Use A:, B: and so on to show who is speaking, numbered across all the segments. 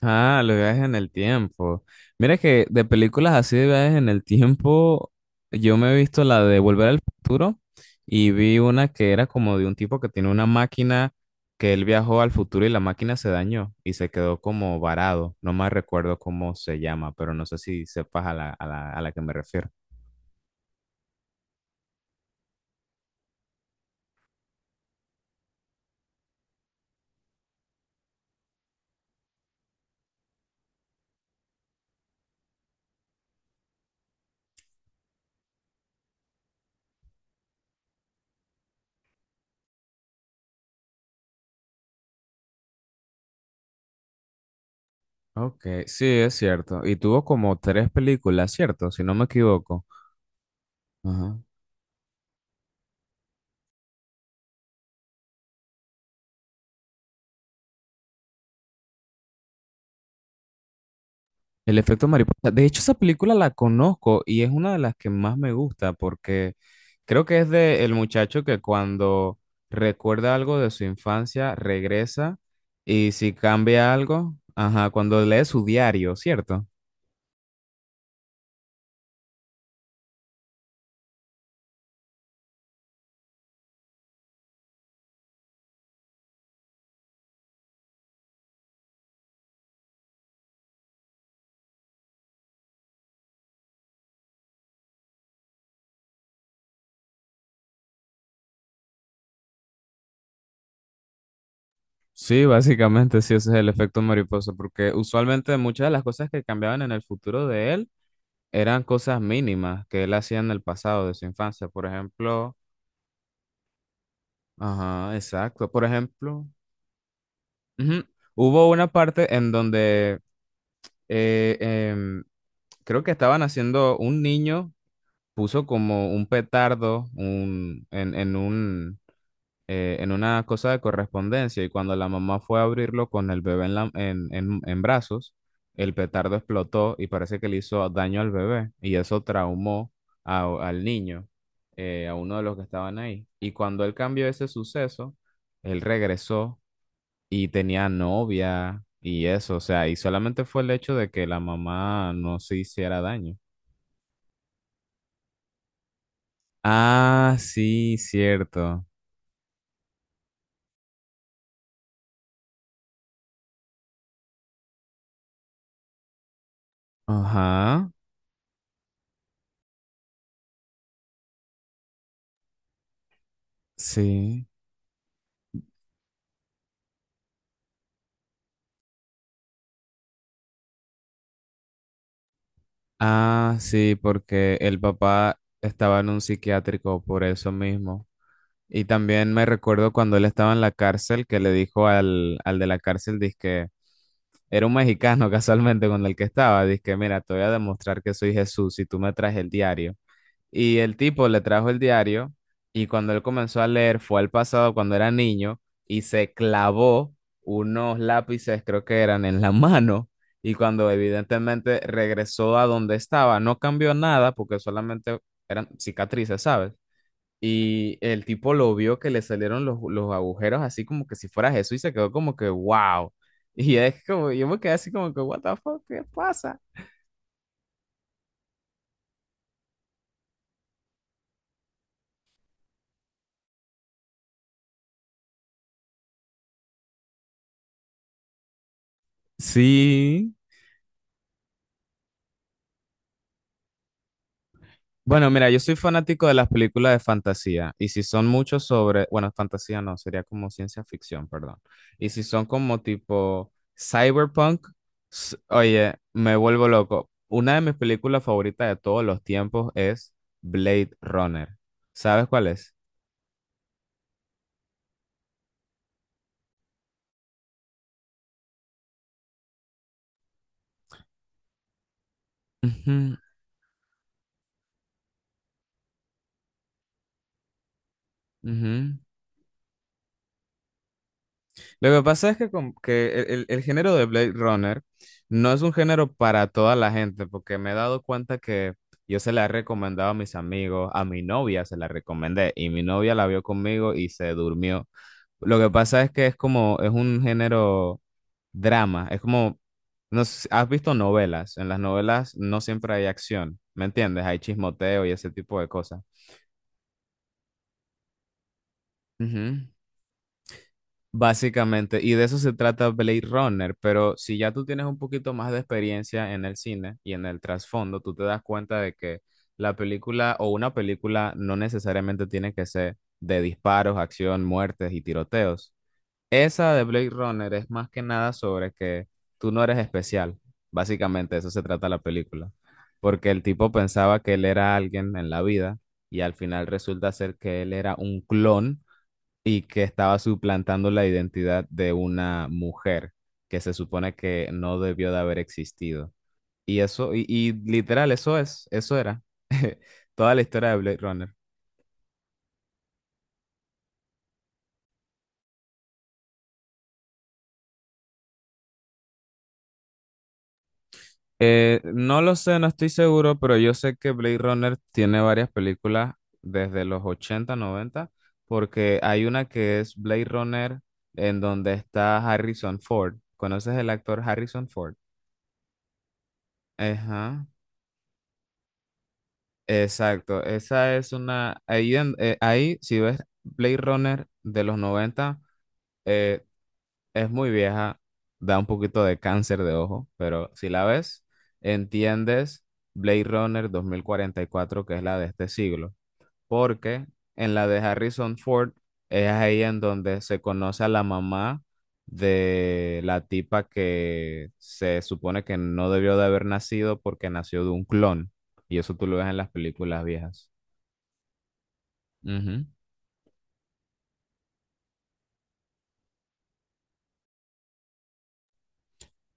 A: Ah, los viajes en el tiempo. Mira que de películas así de viajes en el tiempo, yo me he visto la de Volver al Futuro y vi una que era como de un tipo que tiene una máquina que él viajó al futuro y la máquina se dañó y se quedó como varado. No más recuerdo cómo se llama, pero no sé si sepas a la que me refiero. Ok, sí, es cierto. Y tuvo como tres películas, ¿cierto? Si no me equivoco. Ajá. El efecto mariposa. De hecho, esa película la conozco y es una de las que más me gusta porque creo que es de el muchacho que cuando recuerda algo de su infancia regresa y si cambia algo, ajá, cuando lee su diario, ¿cierto? Sí, básicamente sí, ese es el efecto mariposa porque usualmente muchas de las cosas que cambiaban en el futuro de él eran cosas mínimas que él hacía en el pasado de su infancia. Por ejemplo, ajá, exacto. Por ejemplo. Ujú. Hubo una parte en donde eh, em, creo que estaban haciendo, un niño puso como un petardo en un, en una cosa de correspondencia y cuando la mamá fue a abrirlo con el bebé en, la- en brazos, el petardo explotó y parece que le hizo daño al bebé y eso traumó al niño, a uno de los que estaban ahí. Y cuando él cambió ese suceso, él regresó y tenía novia y eso, o sea, y solamente fue el hecho de que la mamá no se hiciera daño. Ah, sí, cierto. Ajá, sí. Ah, sí, porque el papá estaba en un psiquiátrico por eso mismo. Y también me recuerdo cuando él estaba en la cárcel que le dijo al de la cárcel, dizque, era un mexicano casualmente con el que estaba, dizque, mira, te voy a demostrar que soy Jesús si tú me traes el diario. Y el tipo le trajo el diario y cuando él comenzó a leer fue al pasado cuando era niño y se clavó unos lápices, creo que eran, en la mano. Y cuando evidentemente regresó a donde estaba, no cambió nada porque solamente eran cicatrices, ¿sabes? Y el tipo lo vio que le salieron los agujeros así como que si fuera Jesús y se quedó como que, wow. Y es como, yo me quedé así como que, what the fuck, ¿qué pasa? Sí. Bueno, mira, yo soy fanático de las películas de fantasía y si son muchos sobre, bueno, fantasía no, sería como ciencia ficción, perdón. Y si son como tipo cyberpunk, oye, me vuelvo loco. Una de mis películas favoritas de todos los tiempos es Blade Runner. ¿Sabes cuál es? Ujú, ujú. Lo que pasa es que, el género de Blade Runner no es un género para toda la gente, porque me he dado cuenta que yo se la he recomendado a mis amigos, a mi novia se la recomendé y mi novia la vio conmigo y se durmió. Lo que pasa es que es como, es un género drama, es como, no sé, ¿has visto novelas? En las novelas no siempre hay acción, ¿me entiendes? Hay chismoteo y ese tipo de cosas. Ujú. Básicamente, y de eso se trata Blade Runner, pero si ya tú tienes un poquito más de experiencia en el cine y en el trasfondo, tú te das cuenta de que la película o una película no necesariamente tiene que ser de disparos, acción, muertes y tiroteos. Esa de Blade Runner es más que nada sobre que tú no eres especial. Básicamente, de eso se trata la película, porque el tipo pensaba que él era alguien en la vida y al final resulta ser que él era un clon y que estaba suplantando la identidad de una mujer que se supone que no debió de haber existido. Y eso, y literal, eso es, eso era toda la historia de Blade Runner. No lo sé, no estoy seguro, pero yo sé que Blade Runner tiene varias películas desde los 80 90 porque hay una que es Blade Runner en donde está Harrison Ford. ¿Conoces el actor Harrison Ford? Ajá. Exacto, esa es una, ahí, ahí si ves Blade Runner de los 90 eh, es muy vieja, da un poquito de cáncer de ojo, pero si la ves, entiendes Blade Runner 2044 que es la de este siglo, porque en la de Harrison Ford es ahí en donde se conoce a la mamá de la tipa que se supone que no debió de haber nacido porque nació de un clon, y eso tú lo ves en las películas viejas. Ujú.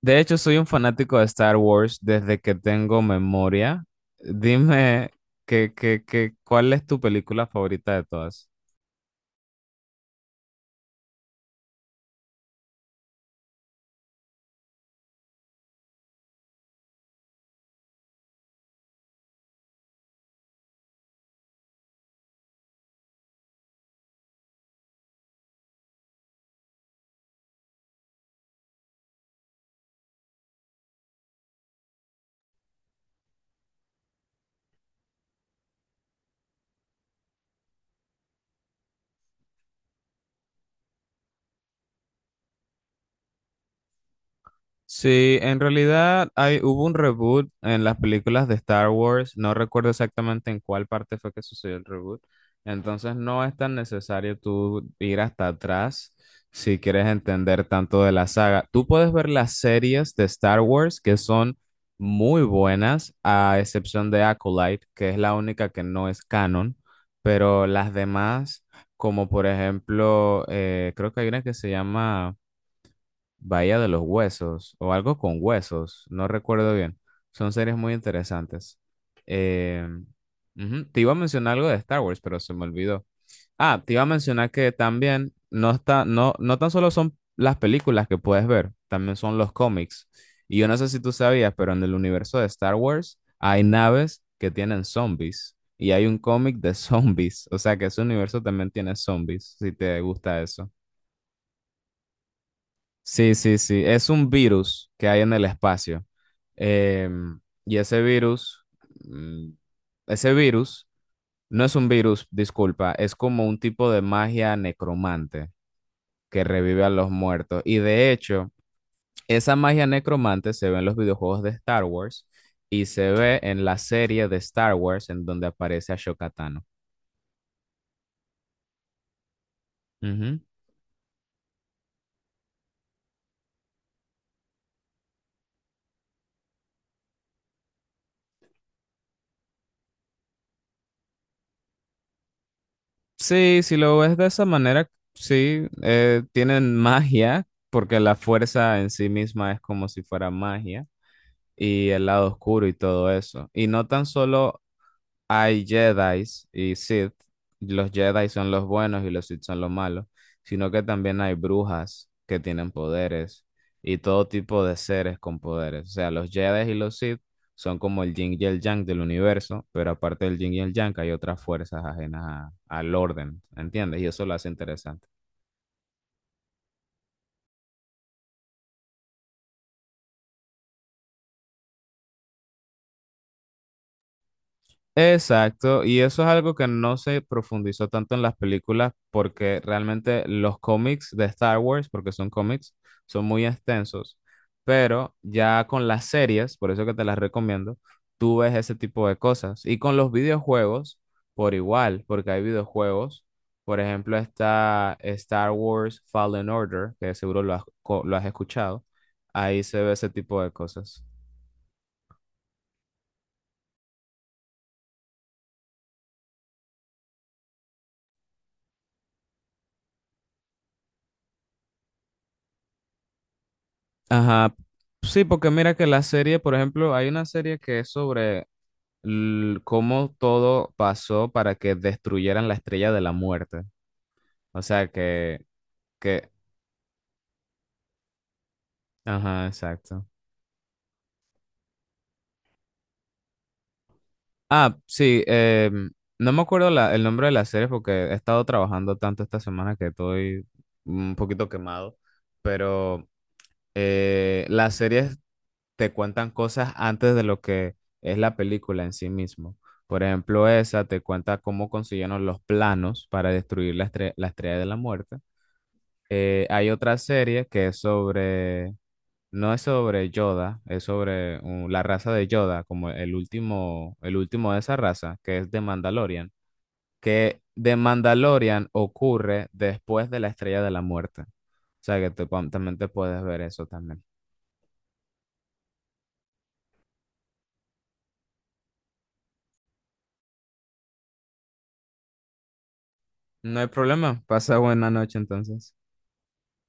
A: De hecho, soy un fanático de Star Wars desde que tengo memoria. Dime, ¿ cuál es tu película favorita de todas? Sí, en realidad hay, hubo un reboot en las películas de Star Wars, no recuerdo exactamente en cuál parte fue que sucedió el reboot, entonces no es tan necesario tú ir hasta atrás si quieres entender tanto de la saga. Tú puedes ver las series de Star Wars que son muy buenas, a excepción de Acolyte, que es la única que no es canon, pero las demás, como por ejemplo, creo que hay una que se llama... Bahía de los Huesos o algo con huesos, no recuerdo bien. Son series muy interesantes. Eh, ujú, te iba a mencionar algo de Star Wars, pero se me olvidó. Ah, te iba a mencionar que también no está, no, no tan solo son las películas que puedes ver, también son los cómics. Y yo no sé si tú sabías, pero en el universo de Star Wars hay naves que tienen zombies y hay un cómic de zombies, o sea que ese universo también tiene zombies, si te gusta eso. Sí, sí, sí. Es un virus que hay en el espacio. Y ese virus, mm, ese virus no es un virus, disculpa, es como un tipo de magia necromante que revive a los muertos. Y de hecho, esa magia necromante se ve en los videojuegos de Star Wars y se ve en la serie de Star Wars en donde aparece a Tano. Sí, si lo ves de esa manera, sí, tienen magia, porque la fuerza en sí misma es como si fuera magia, y el lado oscuro y todo eso. Y no tan solo hay Jedis y Sith. Los Jedi son los buenos y los Sith son los malos, sino que también hay brujas que tienen poderes y todo tipo de seres con poderes. O sea, los Jedi y los Sith son como el yin y el yang del universo, pero aparte del yin y el yang hay otras fuerzas ajenas al orden, ¿entiendes? Y eso lo hace interesante. Exacto, y eso es algo que no se profundizó tanto en las películas porque realmente los cómics de Star Wars, porque son cómics, son muy extensos, pero ya con las series, por eso que te las recomiendo, tú ves ese tipo de cosas. Y con los videojuegos, por igual, porque hay videojuegos, por ejemplo, está Star Wars Fallen Order, que seguro lo has escuchado, ahí se ve ese tipo de cosas. Ajá. Sí, porque mira que la serie, por ejemplo, hay una serie que es sobre cómo todo pasó para que destruyeran la estrella de la muerte. O sea que, que, ajá, exacto. Ah, sí, no me acuerdo el nombre de la serie porque he estado trabajando tanto esta semana que estoy un poquito quemado, pero la serie te cuentan cosas antes de lo que es la película en sí mismo. Por ejemplo, esa te cuenta cómo consiguieron los planos para destruir la, la estrella de la muerte. Hay otra serie que es sobre, no es sobre Yoda, es sobre la raza de Yoda, como el último de esa raza, que es de Mandalorian, que de Mandalorian ocurre después de la estrella de la muerte. O sea que te, también te puedes ver eso también. No hay problema. Pasa buena noche entonces.